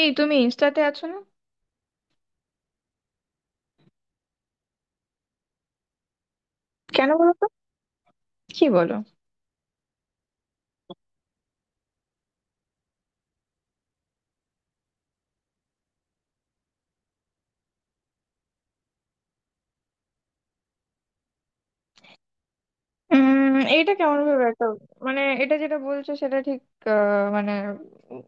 এই, তুমি ইনস্টাতে আছো না? কেন বলো তো? কি বলো? এটা কেমন ভাবে একটা মানে এটা যেটা বলছো সেটা ঠিক। মানে উম,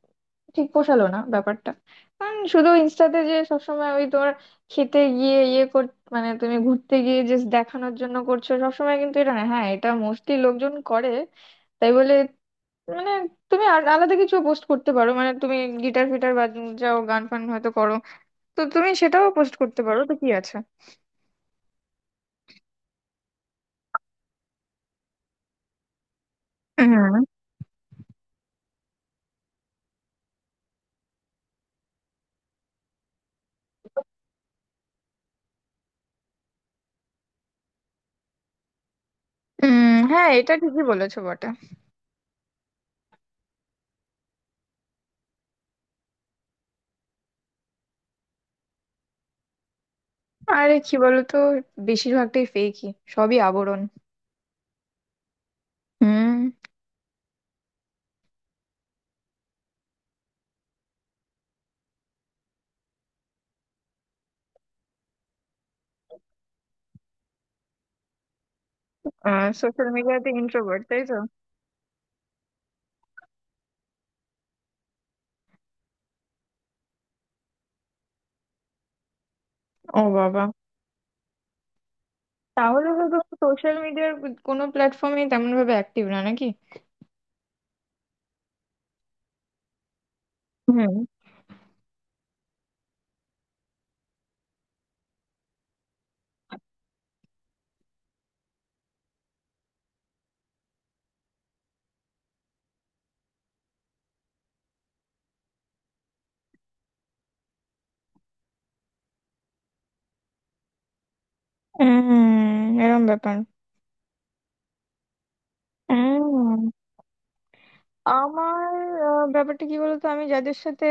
ঠিক পোষালো না ব্যাপারটা। কারণ শুধু ইনস্টাতে যে সবসময় ওই তোমার খেতে গিয়ে ইয়ে কর, মানে তুমি ঘুরতে গিয়ে জাস্ট দেখানোর জন্য করছো সবসময়, কিন্তু এটা না, হ্যাঁ, এটা মোস্টলি লোকজন করে, তাই বলে মানে, তুমি আর আলাদা কিছু পোস্ট করতে পারো, মানে তুমি গিটার ফিটার বাজাও, গান ফান হয়তো করো, তো তুমি সেটাও পোস্ট করতে পারো, তো কি আছে। হুম। উম হ্যাঁ, এটা ঠিকই বলেছো বটে। আরে, কি বলতো, বেশিরভাগটাই ফেকই, সবই আবরণ। হুম। সোশ্যাল মিডিয়াতে ইন্ট্রোভার্ট, তাই তো? ও বাবা। তাহলে তো তুমি সোশ্যাল মিডিয়ার কোনো প্ল্যাটফর্মে তেমন ভাবে অ্যাক্টিভ না নাকি? হুম। উম, এরম ব্যাপার। উম, আমার ব্যাপারটা কি বলতো, আমি যাদের সাথে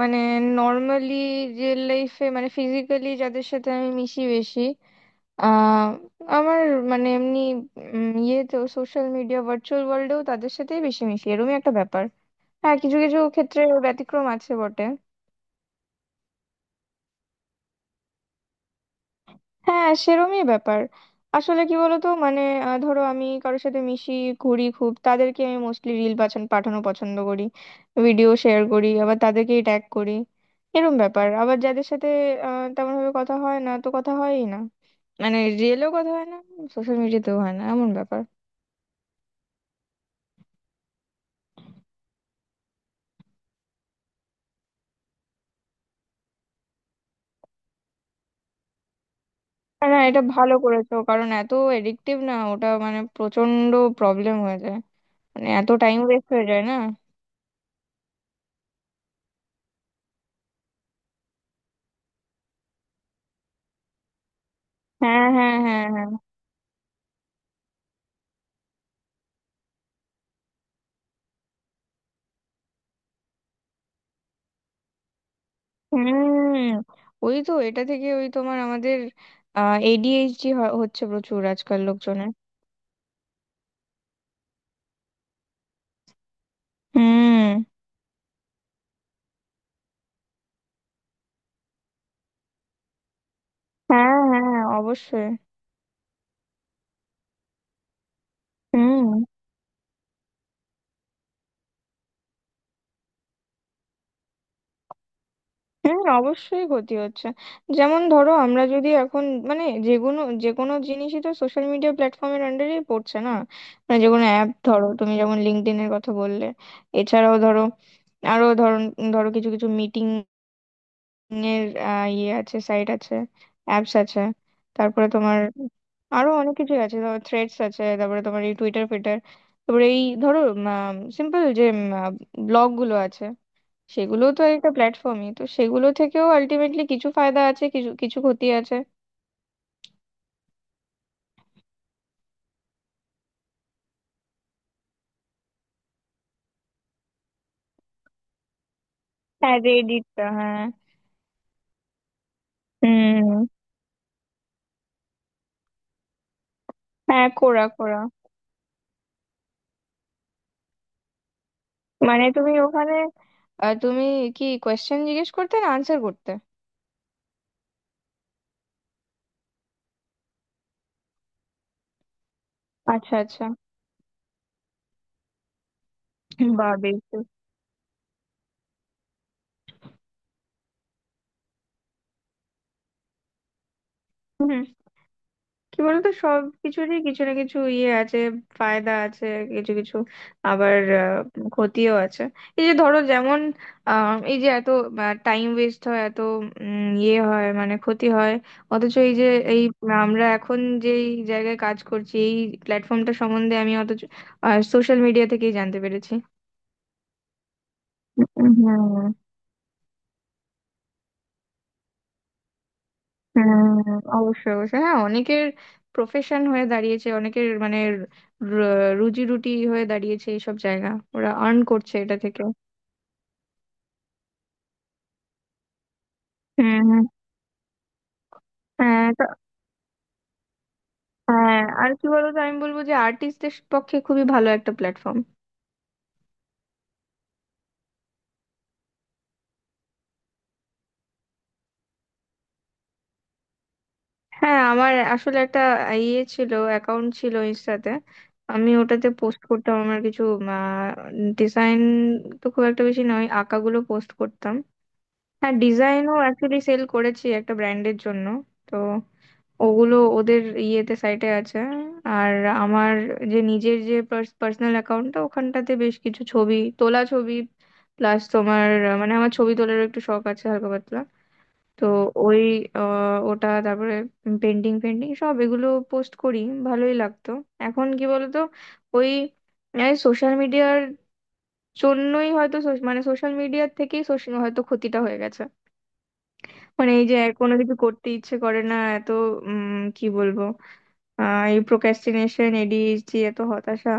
মানে নর্মালি রিয়েল লাইফে মানে ফিজিক্যালি যাদের সাথে আমি মিশি বেশি, আহ আমার মানে এমনি ইয়ে তো সোশ্যাল মিডিয়া ভার্চুয়াল ওয়ার্ল্ডেও তাদের সাথেই বেশি মিশি, এরকমই একটা ব্যাপার। হ্যাঁ, কিছু কিছু ক্ষেত্রে ব্যতিক্রম আছে বটে। হ্যাঁ, সেরমই ব্যাপার। আসলে কি বলতো মানে, ধরো আমি কারোর সাথে মিশি ঘুরি খুব, তাদেরকে আমি মোস্টলি রিল পাঠানো পছন্দ করি, ভিডিও শেয়ার করি, আবার তাদেরকেই ট্যাগ করি, এরম ব্যাপার। আবার যাদের সাথে তেমন ভাবে কথা হয় না, তো কথা হয়ই না, মানে রিয়েলেও কথা হয় না, সোশ্যাল মিডিয়াতেও হয় না, এমন ব্যাপার। না, এটা ভালো করেছো, কারণ এত এডিকটিভ না ওটা, মানে প্রচন্ড প্রবলেম হয়ে যায়, মানে এত টাইম ওয়েস্ট হয়ে যায় না। হ্যাঁ, হ্যাঁ, হ্যাঁ, হ্যাঁ। হুম। ওই তো এটা থেকে ওই তোমার আমাদের এডিএইচডি হচ্ছে প্রচুর আজকাল লোকজনের। হুম। হ্যাঁ, হ্যাঁ, অবশ্যই। হুম। হ্যাঁ, অবশ্যই ক্ষতি হচ্ছে। যেমন ধরো আমরা যদি এখন মানে যে কোনো, যে কোনো জিনিসই তো সোশ্যাল মিডিয়া প্ল্যাটফর্মের আন্ডারেই পড়ছে না। মানে যে কোনো অ্যাপ ধরো, তুমি যেমন লিঙ্কডইনের কথা বললে, এছাড়াও ধরো, আরো ধরো ধরো কিছু কিছু মিটিং এর ইয়ে আছে, সাইট আছে, অ্যাপস আছে, তারপরে তোমার আরো অনেক কিছু আছে, ধরো থ্রেডস আছে, তারপরে তোমার এই টুইটার ফিটার, তারপরে এই ধরো সিম্পল যে ব্লগ গুলো আছে, সেগুলো তো একটা প্ল্যাটফর্মই তো, সেগুলো থেকেও আলটিমেটলি কিছু ফায়দা আছে, কিছু কিছু ক্ষতি আছে। হ্যাঁ, রেডিটটা হ্যাঁ। হুম। হ্যাঁ, কোরা, কোরা। মানে তুমি ওখানে, তুমি কি কোয়েশ্চেন জিজ্ঞেস করতে না আনসার করতে? আচ্ছা, আচ্ছা। বা বেশ তো। হুম। কি বলতো, সব কিছুরই কিছু না কিছু ইয়ে আছে, ফায়দা আছে কিছু কিছু, আবার ক্ষতিও আছে। এই যে ধরো, যেমন এই যে এত টাইম ওয়েস্ট হয়, এত ইয়ে হয় মানে ক্ষতি হয়। অথচ এই যে এই আমরা এখন যেই জায়গায় কাজ করছি, এই প্ল্যাটফর্মটা সম্বন্ধে আমি অথচ সোশ্যাল মিডিয়া থেকেই জানতে পেরেছি। হুম, হুম। অবশ্যই, অবশ্যই, হ্যাঁ, অনেকের প্রফেশন হয়ে দাঁড়িয়েছে, অনেকের মানে রুজি রুটি হয়ে দাঁড়িয়েছে এইসব জায়গা। ওরা আর্ন করছে এটা থেকে। হুম, হুম। হ্যাঁ তো। হ্যাঁ, আর কি বলতো, আমি বলবো যে আর্টিস্টদের পক্ষে খুবই ভালো একটা প্ল্যাটফর্ম। হ্যাঁ, আমার আসলে একটা ইয়ে ছিল, অ্যাকাউন্ট ছিল ইনস্টাতে। আমি ওটাতে পোস্ট করতাম আমার কিছু ডিজাইন, তো খুব একটা বেশি নয়, আঁকাগুলো পোস্ট করতাম। হ্যাঁ, ডিজাইনও অ্যাকচুয়ালি সেল করেছি একটা ব্র্যান্ডের জন্য, তো ওগুলো ওদের ইয়েতে সাইটে আছে। আর আমার যে নিজের যে পার্সোনাল অ্যাকাউন্টটা, ওখানটাতে বেশ কিছু ছবি, তোলা ছবি প্লাস তোমার মানে আমার ছবি তোলার একটু শখ আছে হালকা পাতলা। তো ওই ওটা তারপরে পেন্টিং পেন্টিং সব এগুলো পোস্ট করি, ভালোই লাগতো। এখন কি বলতো, ওই সোশ্যাল মিডিয়ার জন্যই হয়তো মানে সোশ্যাল মিডিয়ার থেকেই social হয়তো ক্ষতিটা হয়ে গেছে। মানে এই যে কোনো কিছু করতে ইচ্ছে করে না, এত উম কি বলবো, এই প্রোক্রাস্টিনেশন, এডিএইচডি, এত হতাশা।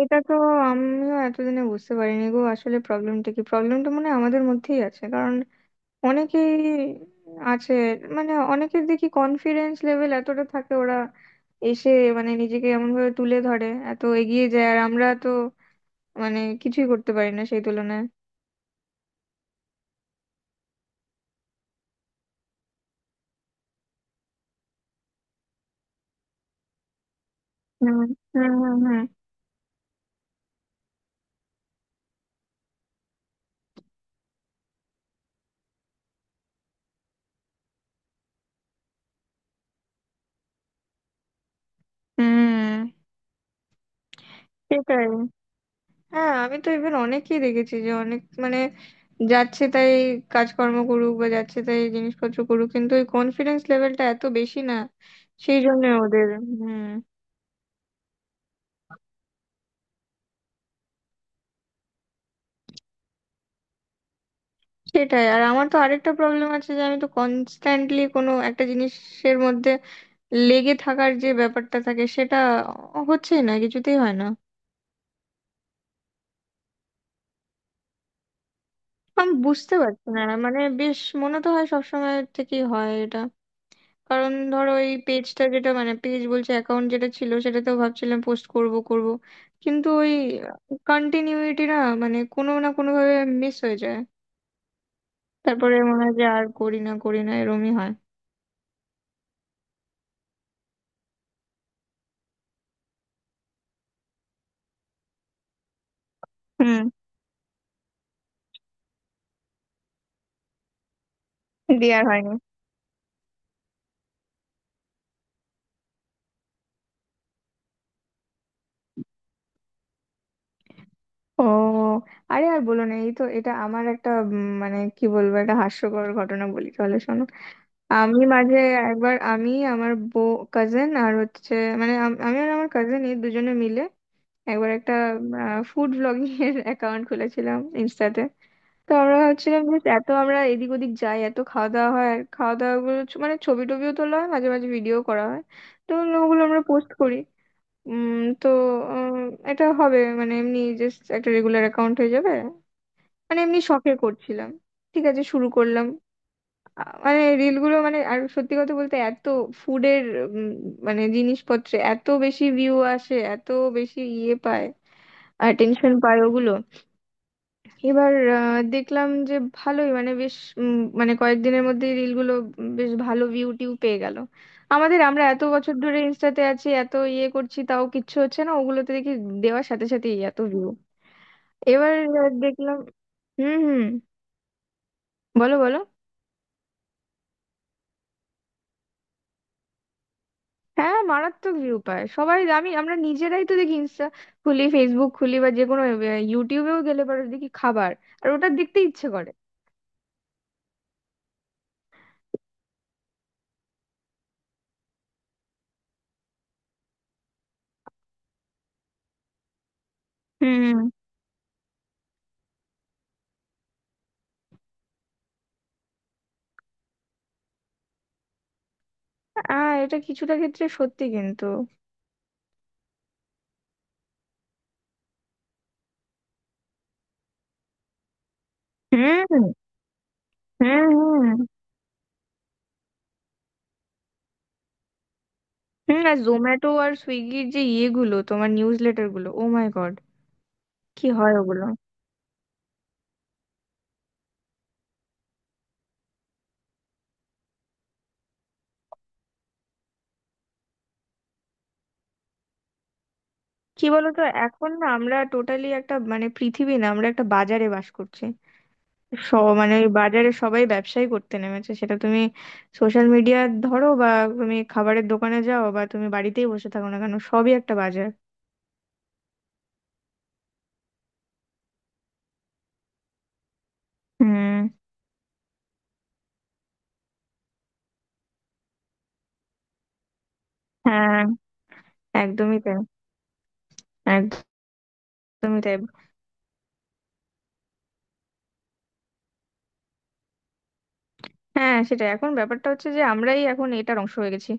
এটা তো আমিও এতদিনে বুঝতে পারিনি গো, আসলে প্রবলেমটা কি, প্রবলেমটা মনে হয় আমাদের মধ্যেই আছে, কারণ অনেকেই আছে, মানে অনেকের দেখি কনফিডেন্স লেভেল এতটা থাকে, ওরা এসে মানে নিজেকে এমন ভাবে তুলে ধরে, এত এগিয়ে যায়, আর আমরা তো মানে কিছুই করতে পারি না সেই তুলনায়। হুম, হুম, হুম, হুম, হুম, সেটাই। হ্যাঁ, আমি তো ইভেন অনেকেই দেখেছি যে অনেক মানে যাচ্ছে তাই কাজকর্ম করুক বা যাচ্ছে তাই জিনিসপত্র করুক, কিন্তু ওই কনফিডেন্স লেভেলটা এত বেশি না, সেই জন্য ওদের। হুম, সেটাই। আর আমার তো আরেকটা প্রবলেম আছে যে, আমি তো কনস্ট্যান্টলি কোনো একটা জিনিসের মধ্যে লেগে থাকার যে ব্যাপারটা থাকে সেটা হচ্ছেই না, কিছুতেই হয় না। আমি বুঝতে পারছি না, মানে বেশ মনে তো হয় সবসময় থেকেই হয় এটা। কারণ ধরো এই পেজটা, যেটা মানে পেজ বলছে, অ্যাকাউন্ট যেটা ছিল সেটা তো ভাবছিলাম পোস্ট করব করব, কিন্তু ওই কন্টিনিউইটি না, মানে কোনো না কোনো ভাবে মিস হয়ে যায়, তারপরে মনে হয় যে আর করি না করি না, এরমই হয়। হুম। দিয়ে আর হয়নি। ও। আরে, আর বলো না, এই তো, এটা আমার একটা মানে কি বলবো, একটা হাস্যকর ঘটনা বলি তাহলে, শোনো। আমি মাঝে একবার, আমি আমার বউ কাজিন আর হচ্ছে মানে আমি আর আমার কাজিন এই দুজনে মিলে একবার একটা ফুড ব্লগিং এর অ্যাকাউন্ট খুলেছিলাম ইনস্টাতে। তো আমরা ভাবছিলাম যে, এত আমরা এদিক ওদিক যাই, এত খাওয়া দাওয়া হয়, আর খাওয়া দাওয়া গুলো মানে ছবি টবিও তোলা হয় মাঝে মাঝে, ভিডিও করা হয়। তো ওগুলো আমরা পোস্ট করি। উম তো উম, এটা হবে মানে এমনি জাস্ট একটা রেগুলার অ্যাকাউন্ট হয়ে যাবে, মানে এমনি শখে করছিলাম। ঠিক আছে, শুরু করলাম। মানে রিল গুলো মানে, আর সত্যি কথা বলতে এত ফুডের মানে জিনিসপত্রে এত বেশি ভিউ আসে, এত বেশি ইয়ে পায়, আর টেনশন পায় ওগুলো। এবার দেখলাম যে ভালোই মানে বেশ মানে কয়েকদিনের মধ্যে রিলগুলো বেশ ভালো ভিউ টিউ পেয়ে গেল। আমরা এত বছর ধরে ইনস্টাতে আছি, এত ইয়ে করছি, তাও কিচ্ছু হচ্ছে না ওগুলোতে দেখি। দেওয়ার সাথে সাথেই এত ভিউ। এবার দেখলাম। হুম, হুম। বলো, বলো। হ্যাঁ, মারাত্মক ভিউ পায় সবাই। আমরা নিজেরাই তো দেখি, ইনস্টা খুলি, ফেসবুক খুলি, বা যে কোনো, ইউটিউবেও গেলে পরে দেখি খাবার, আর ওটা দেখতে ইচ্ছে করে। হুম, হুম। এটা কিছুটা ক্ষেত্রে সত্যি কিন্তু। হুম, হুম, হুম, হুম। আর জোম্যাটো আর সুইগির যে ইয়েগুলো, তোমার নিউজ লেটার গুলো, ও মাই গড, কি হয় ওগুলো! কি বলতো, এখন না আমরা টোটালি একটা মানে পৃথিবী না, আমরা একটা বাজারে বাস করছি। সব মানে ওই বাজারে সবাই ব্যবসাই করতে নেমেছে, সেটা তুমি সোশ্যাল মিডিয়া ধরো, বা তুমি খাবারের দোকানে যাও, বা তুমি বাড়িতেই বসে থাকো না কেন, সবই একটা বাজার। হুম। হ্যাঁ, একদমই তাই। একদমই তাই। হ্যাঁ, সেটাই, এখন ব্যাপারটা হচ্ছে যে আমরাই এখন এটার অংশ হয়ে গেছি।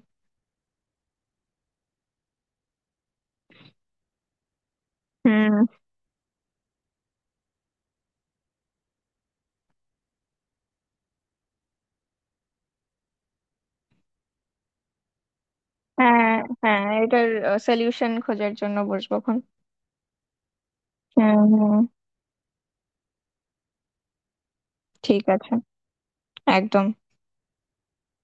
হুম। হ্যাঁ, হ্যাঁ, এটার সলিউশন খোঁজার জন্য বসবো এখন। হুম, হুম। ঠিক আছে। একদম।